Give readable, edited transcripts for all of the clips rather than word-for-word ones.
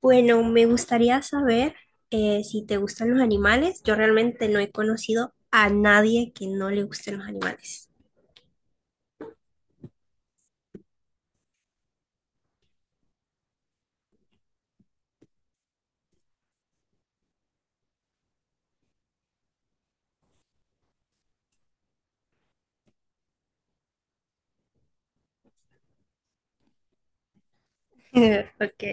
Bueno, me gustaría saber si te gustan los animales. Yo realmente no he conocido a nadie que no le gusten los animales. Ok.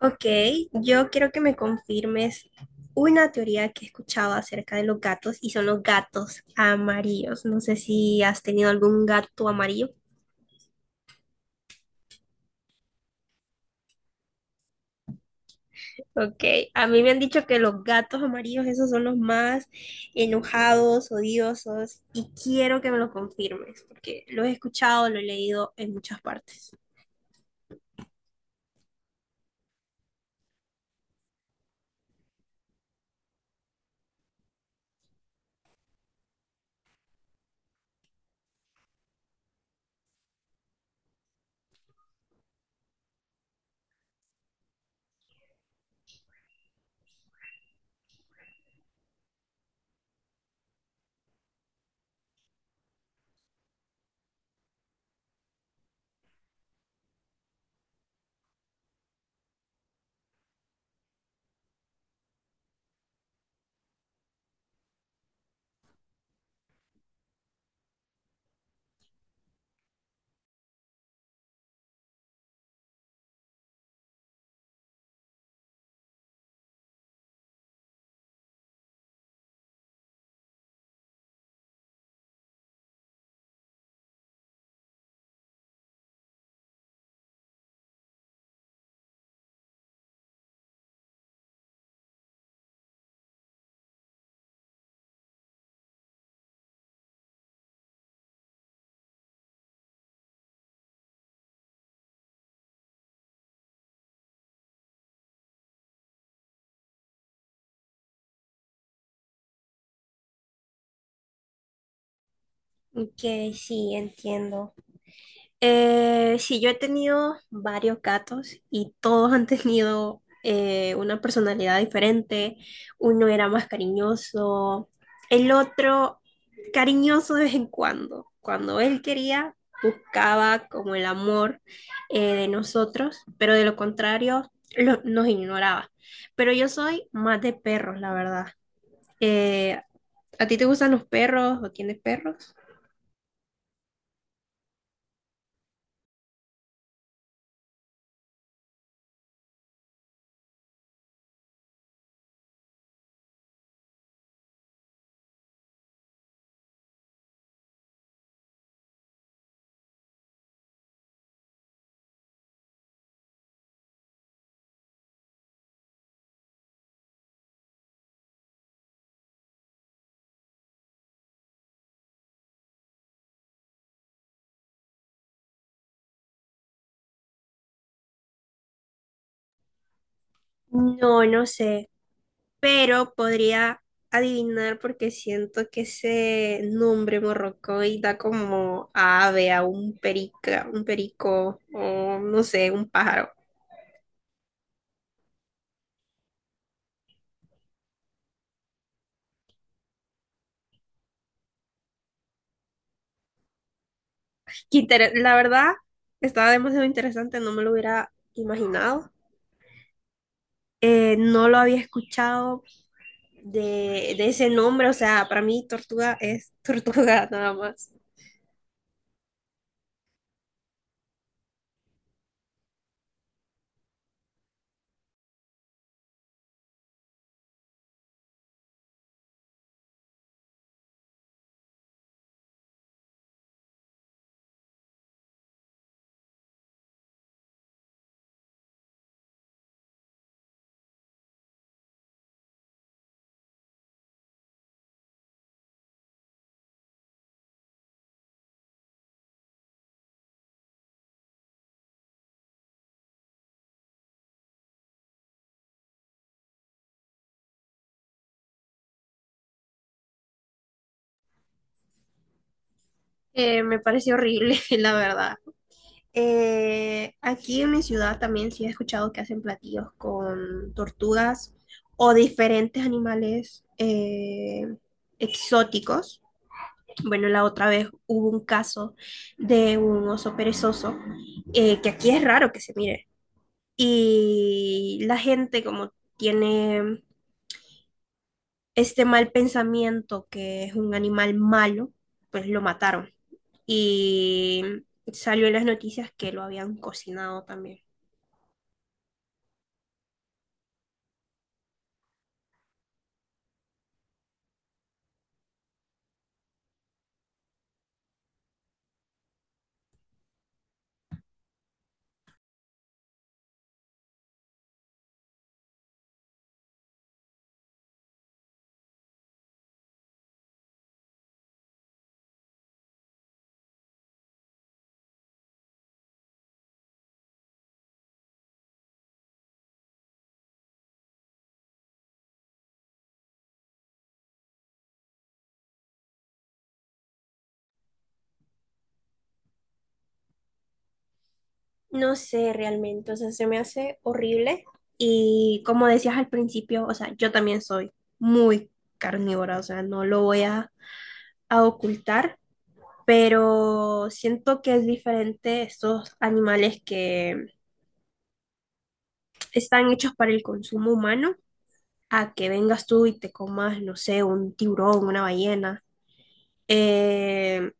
Ok, yo quiero que me confirmes una teoría que he escuchado acerca de los gatos y son los gatos amarillos. No sé si has tenido algún gato amarillo. Ok, a mí me han dicho que los gatos amarillos, esos son los más enojados, odiosos, y quiero que me lo confirmes, porque lo he escuchado, lo he leído en muchas partes. Ok, sí, entiendo. Sí, yo he tenido varios gatos y todos han tenido una personalidad diferente. Uno era más cariñoso, el otro cariñoso de vez en cuando. Cuando él quería, buscaba como el amor de nosotros, pero de lo contrario, nos ignoraba. Pero yo soy más de perros, la verdad. Eh, ¿A ti te gustan los perros o tienes perros? No, no sé, pero podría adivinar porque siento que ese nombre morrocoy da como a ave, a un perica, un perico o no sé, un pájaro. La verdad, estaba demasiado interesante, no me lo hubiera imaginado. No lo había escuchado de ese nombre, o sea, para mí tortuga es tortuga nada más. Me pareció horrible, la verdad. Aquí en mi ciudad también sí he escuchado que hacen platillos con tortugas o diferentes animales exóticos. Bueno, la otra vez hubo un caso de un oso perezoso, que aquí es raro que se mire. Y la gente como tiene este mal pensamiento que es un animal malo, pues lo mataron. Y salió en las noticias que lo habían cocinado también. No sé realmente, o sea, se me hace horrible y como decías al principio, o sea, yo también soy muy carnívora, o sea, no lo voy a ocultar, pero siento que es diferente estos animales que están hechos para el consumo humano a que vengas tú y te comas, no sé, un tiburón, una ballena, eh,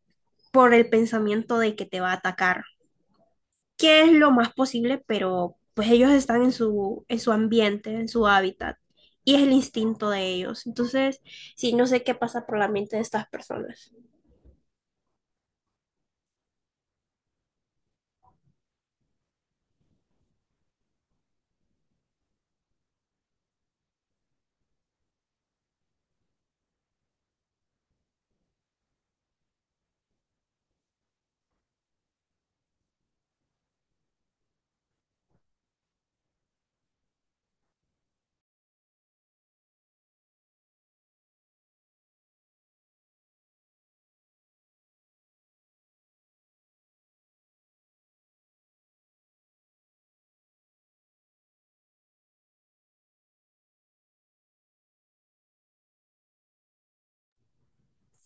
por el pensamiento de que te va a atacar, que es lo más posible, pero pues ellos están en su ambiente, en su hábitat, y es el instinto de ellos. Entonces, sí, no sé qué pasa por la mente de estas personas.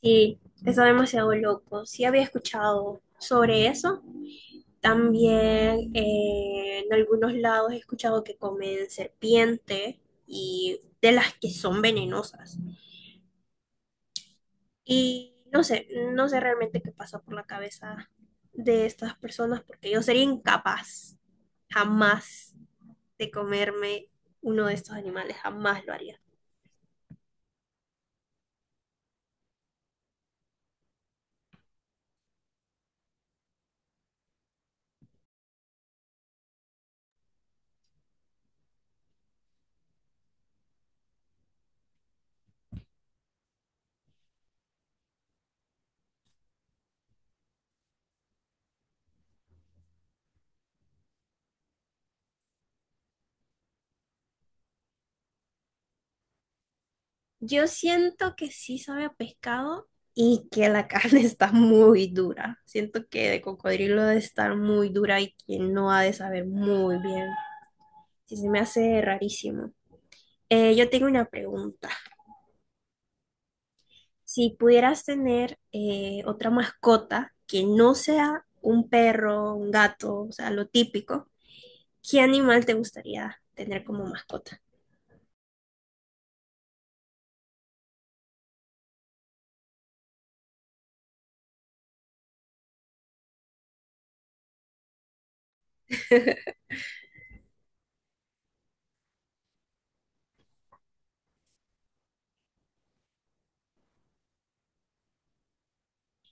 Sí, está demasiado loco. Sí había escuchado sobre eso. También en algunos lados he escuchado que comen serpiente y de las que son venenosas. Y no sé, no sé realmente qué pasó por la cabeza de estas personas porque yo sería incapaz jamás de comerme uno de estos animales, jamás lo haría. Yo siento que sí sabe a pescado y que la carne está muy dura. Siento que de cocodrilo debe estar muy dura y que no ha de saber muy bien. Sí, se me hace rarísimo. Yo tengo una pregunta. Si pudieras tener otra mascota que no sea un perro, un gato, o sea, lo típico, ¿qué animal te gustaría tener como mascota?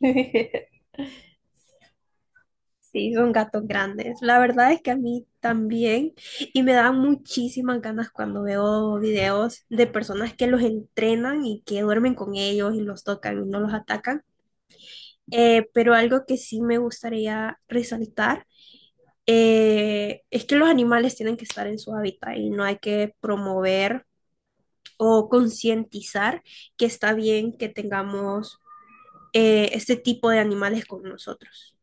Sí, son gatos grandes. La verdad es que a mí también, y me dan muchísimas ganas cuando veo videos de personas que los entrenan y que duermen con ellos y los tocan y no los atacan. Pero algo que sí me gustaría resaltar es que los animales tienen que estar en su hábitat y no hay que promover o concientizar que está bien que tengamos este tipo de animales con nosotros.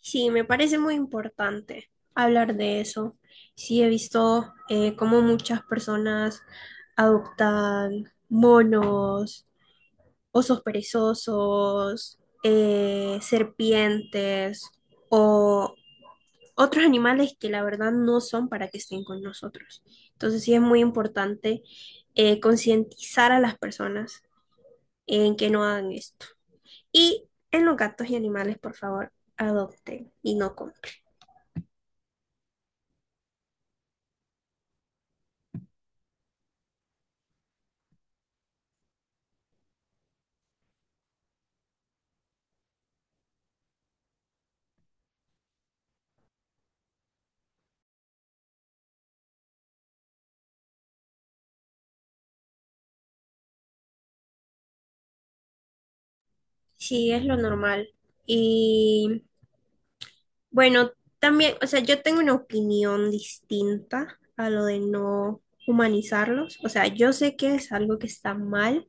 Sí, me parece muy importante hablar de eso. Sí, he visto cómo muchas personas adoptan monos, osos perezosos, serpientes o otros animales que la verdad no son para que estén con nosotros. Entonces sí es muy importante concientizar a las personas en que no hagan esto. Y en los gatos y animales, por favor, adopten y no compren. Sí, es lo normal. Y bueno, también, o sea, yo tengo una opinión distinta a lo de no humanizarlos. O sea, yo sé que es algo que está mal.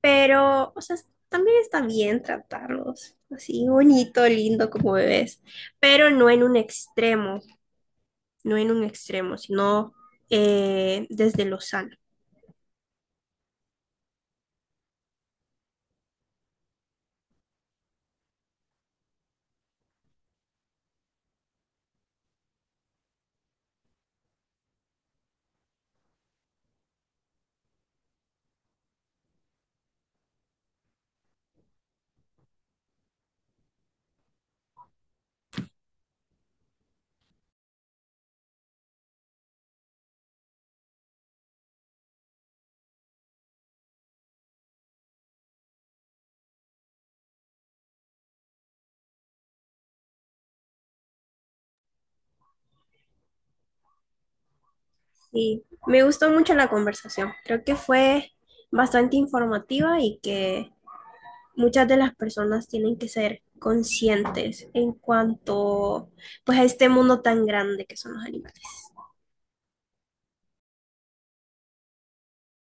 Pero, o sea, también está bien tratarlos así bonito, lindo como bebés, pero no en un extremo, no en un extremo, sino desde lo sano. Y me gustó mucho la conversación. Creo que fue bastante informativa y que muchas de las personas tienen que ser conscientes en cuanto pues a este mundo tan grande que son los animales.